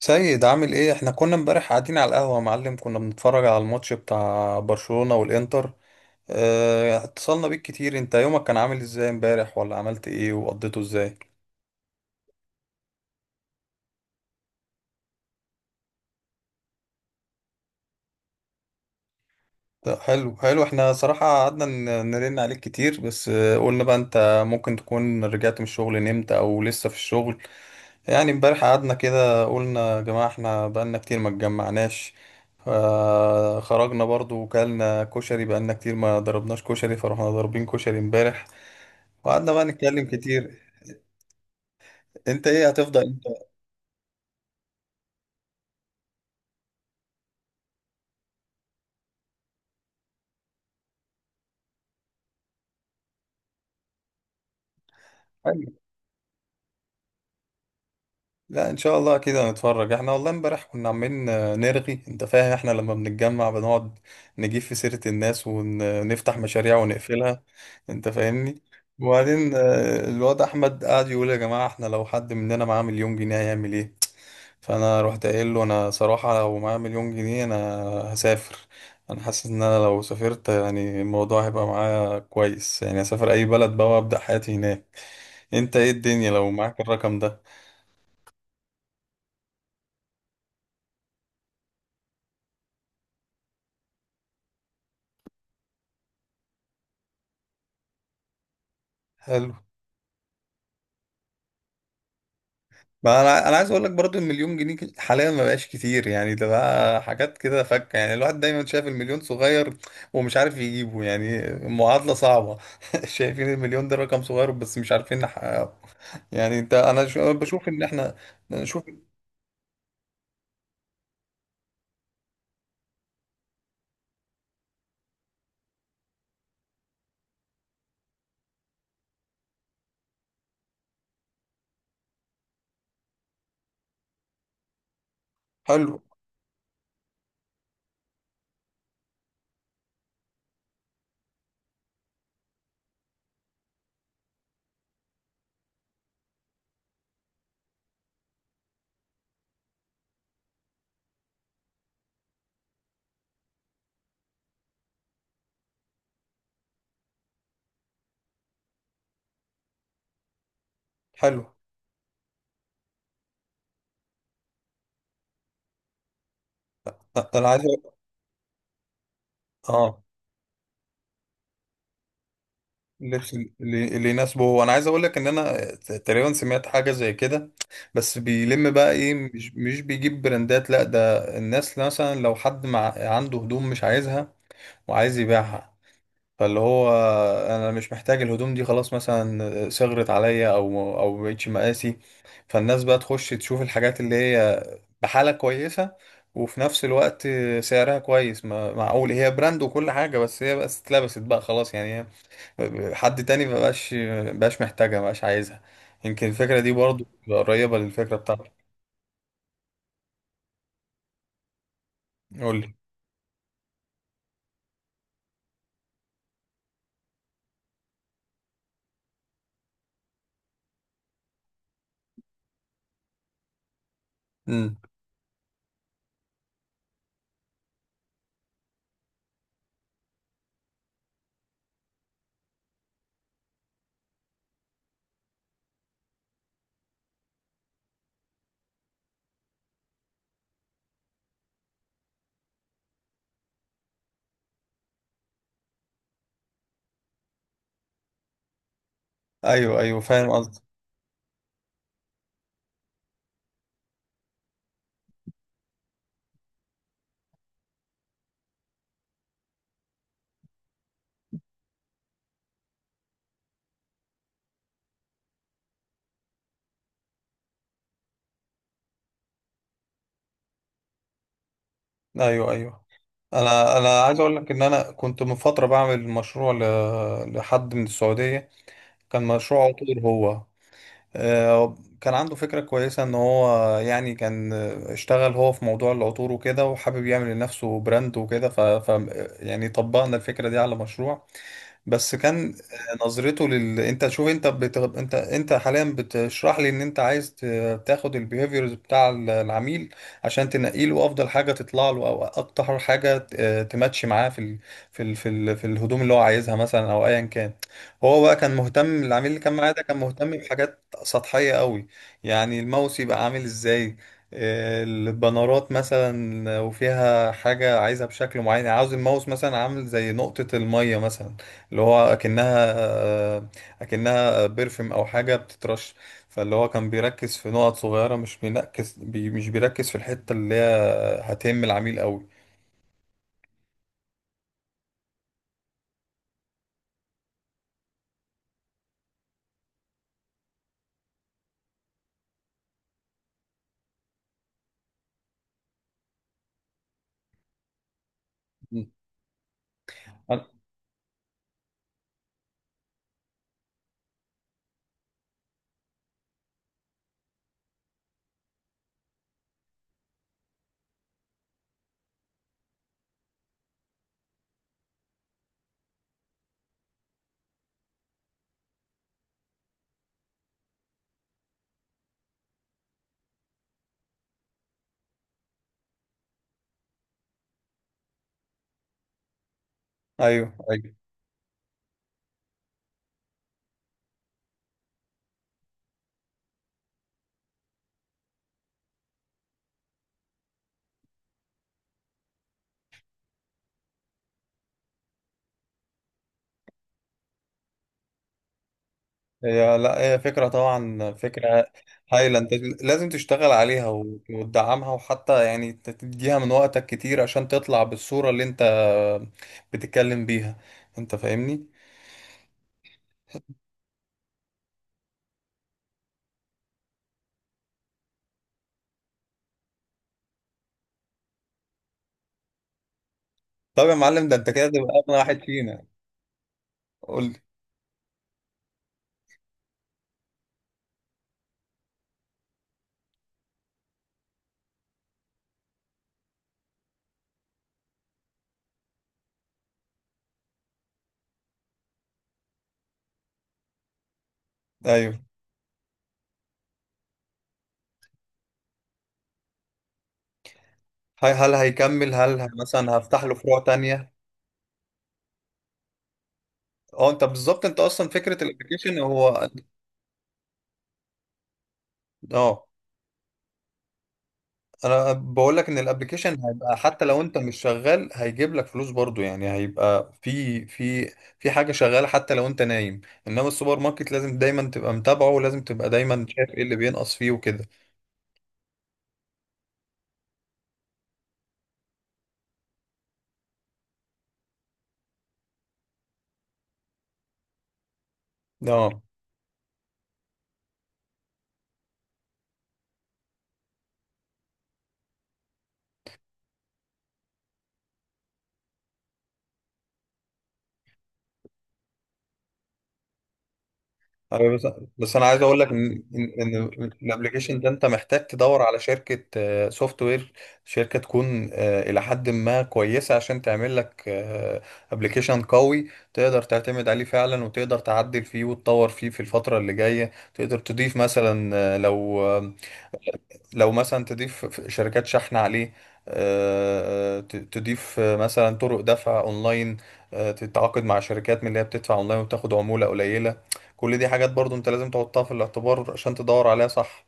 سيد، عامل ايه؟ احنا كنا امبارح قاعدين على القهوة يا معلم، كنا بنتفرج على الماتش بتاع برشلونة والانتر. اه، اتصلنا بيك كتير. انت يومك كان عامل ازاي امبارح؟ ولا عملت ايه وقضيته ازاي؟ لا، حلو حلو. احنا صراحة قعدنا نرن عليك كتير، بس قلنا بقى انت ممكن تكون رجعت من الشغل، نمت او لسه في الشغل. يعني امبارح قعدنا كده، قلنا يا جماعة احنا بقالنا كتير ما اتجمعناش. خرجنا برضو وكلنا كشري، بقالنا كتير ما ضربناش كشري، فروحنا ضاربين كشري امبارح. وقعدنا بقى نتكلم كتير. انت ايه، هتفضل انت؟ حلو. لا، ان شاء الله كده نتفرج. احنا والله امبارح كنا عمالين نرغي، انت فاهم؟ احنا لما بنتجمع بنقعد نجيب في سيرة الناس ونفتح مشاريع ونقفلها. انت فاهمني؟ وبعدين الواد احمد قعد يقول: يا جماعة، احنا لو حد مننا معاه مليون جنيه هيعمل ايه؟ فانا رحت قايل له: انا صراحة لو معايا مليون جنيه انا هسافر. انا حاسس ان انا لو سافرت يعني الموضوع هيبقى معايا كويس، يعني اسافر اي بلد بقى وابدا حياتي هناك. انت ايه الدنيا لو معاك الرقم ده؟ حلو. ما انا عايز اقول لك برضو، المليون جنيه حاليا ما بقاش كتير، يعني ده بقى حاجات كده فكه، يعني الواحد دايما شايف المليون صغير ومش عارف يجيبه، يعني معادله صعبه. شايفين المليون ده رقم صغير بس مش عارفين نحققه. يعني انت، انا بشوف ان احنا نشوف. حلو حلو. انا عايز أقول- اه. اللبس اللي يناسبه. هو انا عايز اقول لك ان انا تقريبا سمعت حاجه زي كده. بس بيلم بقى ايه؟ مش بيجيب براندات، لا، ده الناس مثلا لو حد مع عنده هدوم مش عايزها وعايز يبيعها. فاللي هو، انا مش محتاج الهدوم دي خلاص، مثلا صغرت عليا او مبقتش مقاسي. فالناس بقى تخش تشوف الحاجات اللي هي بحاله كويسه، وفي نفس الوقت سعرها كويس. معقول هي براند وكل حاجه بس هي بس اتلبست بقى، خلاص يعني هي حد تاني مبقاش، مبقاش محتاجها، مبقاش عايزها. يمكن الفكرة دي برضو قريبة للفكرة بتاعتك. قول لي. امم. ايوه ايوه، فاهم قصدي. ايوه ايوه، انا عايز اقول لك ان انا كنت من فترة بعمل مشروع لحد من السعودية. كان مشروع عطور، هو كان عنده فكرة كويسة ان هو، يعني كان اشتغل هو في موضوع العطور وكده، وحابب يعمل لنفسه براند وكده. ف... ف يعني طبقنا الفكرة دي على مشروع، بس كان نظرته انت شوف. انت انت حاليا بتشرح لي ان انت عايز تاخد البيهيفيرز بتاع العميل، عشان تنقي له افضل حاجه تطلع له، او اكتر حاجه تماتش معاه في الهدوم اللي هو عايزها مثلا، او ايا كان. هو بقى كان مهتم، العميل اللي كان معاه ده كان مهتم بحاجات سطحيه قوي، يعني الماوس يبقى عامل ازاي، البنرات مثلا وفيها حاجة عايزها بشكل معين، يعني عاوز الماوس مثلا عامل زي نقطة المية مثلا، اللي هو اكنها بيرفيوم او حاجه بتترش. فاللي هو كان بيركز في نقط صغيره، مش بينكس بي مش بيركز في الحته اللي هي هتهم العميل قوي. مم. أنا- ايوه ايوه. هي، لا، هي فكره طبعا، فكره هايله. انت لازم تشتغل عليها وتدعمها، وحتى يعني تديها من وقتك كتير عشان تطلع بالصوره اللي انت بتتكلم بيها. انت فاهمني؟ طب يا معلم، ده انت كده تبقى اغنى واحد فينا. قول لي. ايوه. هل هيكمل مثلا هفتح له فروع تانية؟ اه. انت بالظبط، انت اصلا فكرة الابلكيشن هو. اه، انا بقول لك ان الابلكيشن هيبقى حتى لو انت مش شغال، هيجيب لك فلوس برضو، يعني هيبقى في في حاجة شغالة حتى لو انت نايم. انما السوبر ماركت لازم دايما تبقى متابعه، ولازم تبقى دايما شايف ايه اللي بينقص فيه وكده. اه. أيوة، بس، بس انا عايز اقول لك ان إن الابليكيشن ده انت محتاج تدور على شركه سوفت وير. شركه تكون الى حد ما كويسه عشان تعمل لك ابليكيشن قوي، تقدر تعتمد عليه فعلا وتقدر تعدل فيه وتطور فيه في الفتره اللي جايه. تقدر تضيف مثلا لو لو مثلا تضيف شركات شحن عليه، تضيف مثلا طرق دفع اونلاين، تتعاقد مع شركات من اللي هي بتدفع اونلاين وبتاخد عمولة قليلة. كل دي حاجات برضو انت لازم تحطها في الاعتبار عشان تدور عليها صح.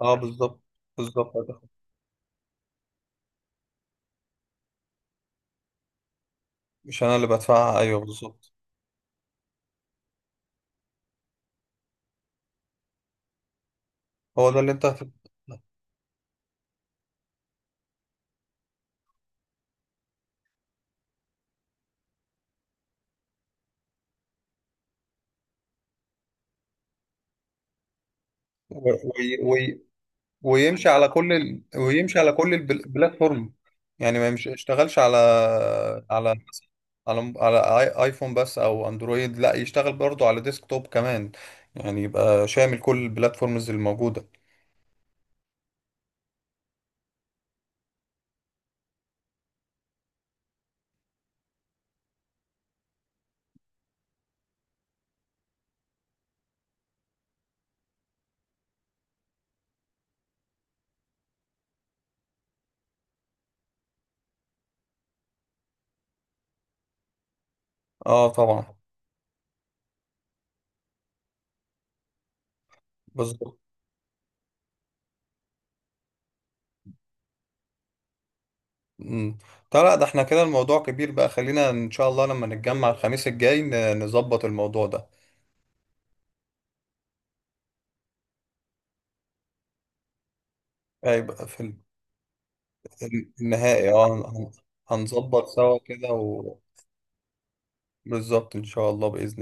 اه، بالظبط. بالظبط، مش انا اللي بدفعها، ايوه بالظبط. هو ده اللي انت هت- و- و- ويمشي على كل البلاتفورم، يعني ما يمشي يشتغلش على على ايفون بس او اندرويد، لا يشتغل برضو على ديسكتوب كمان، يعني يبقى شامل كل البلاتفورمز الموجودة. اه طبعا. بالظبط. مم. طيب لا، ده احنا كده الموضوع كبير بقى، خلينا ان شاء الله لما نتجمع الخميس الجاي نظبط الموضوع ده. هيبقى في النهائي، اه. هن- هنظبط سوا كده. وبالظبط ان شاء الله بإذن الله.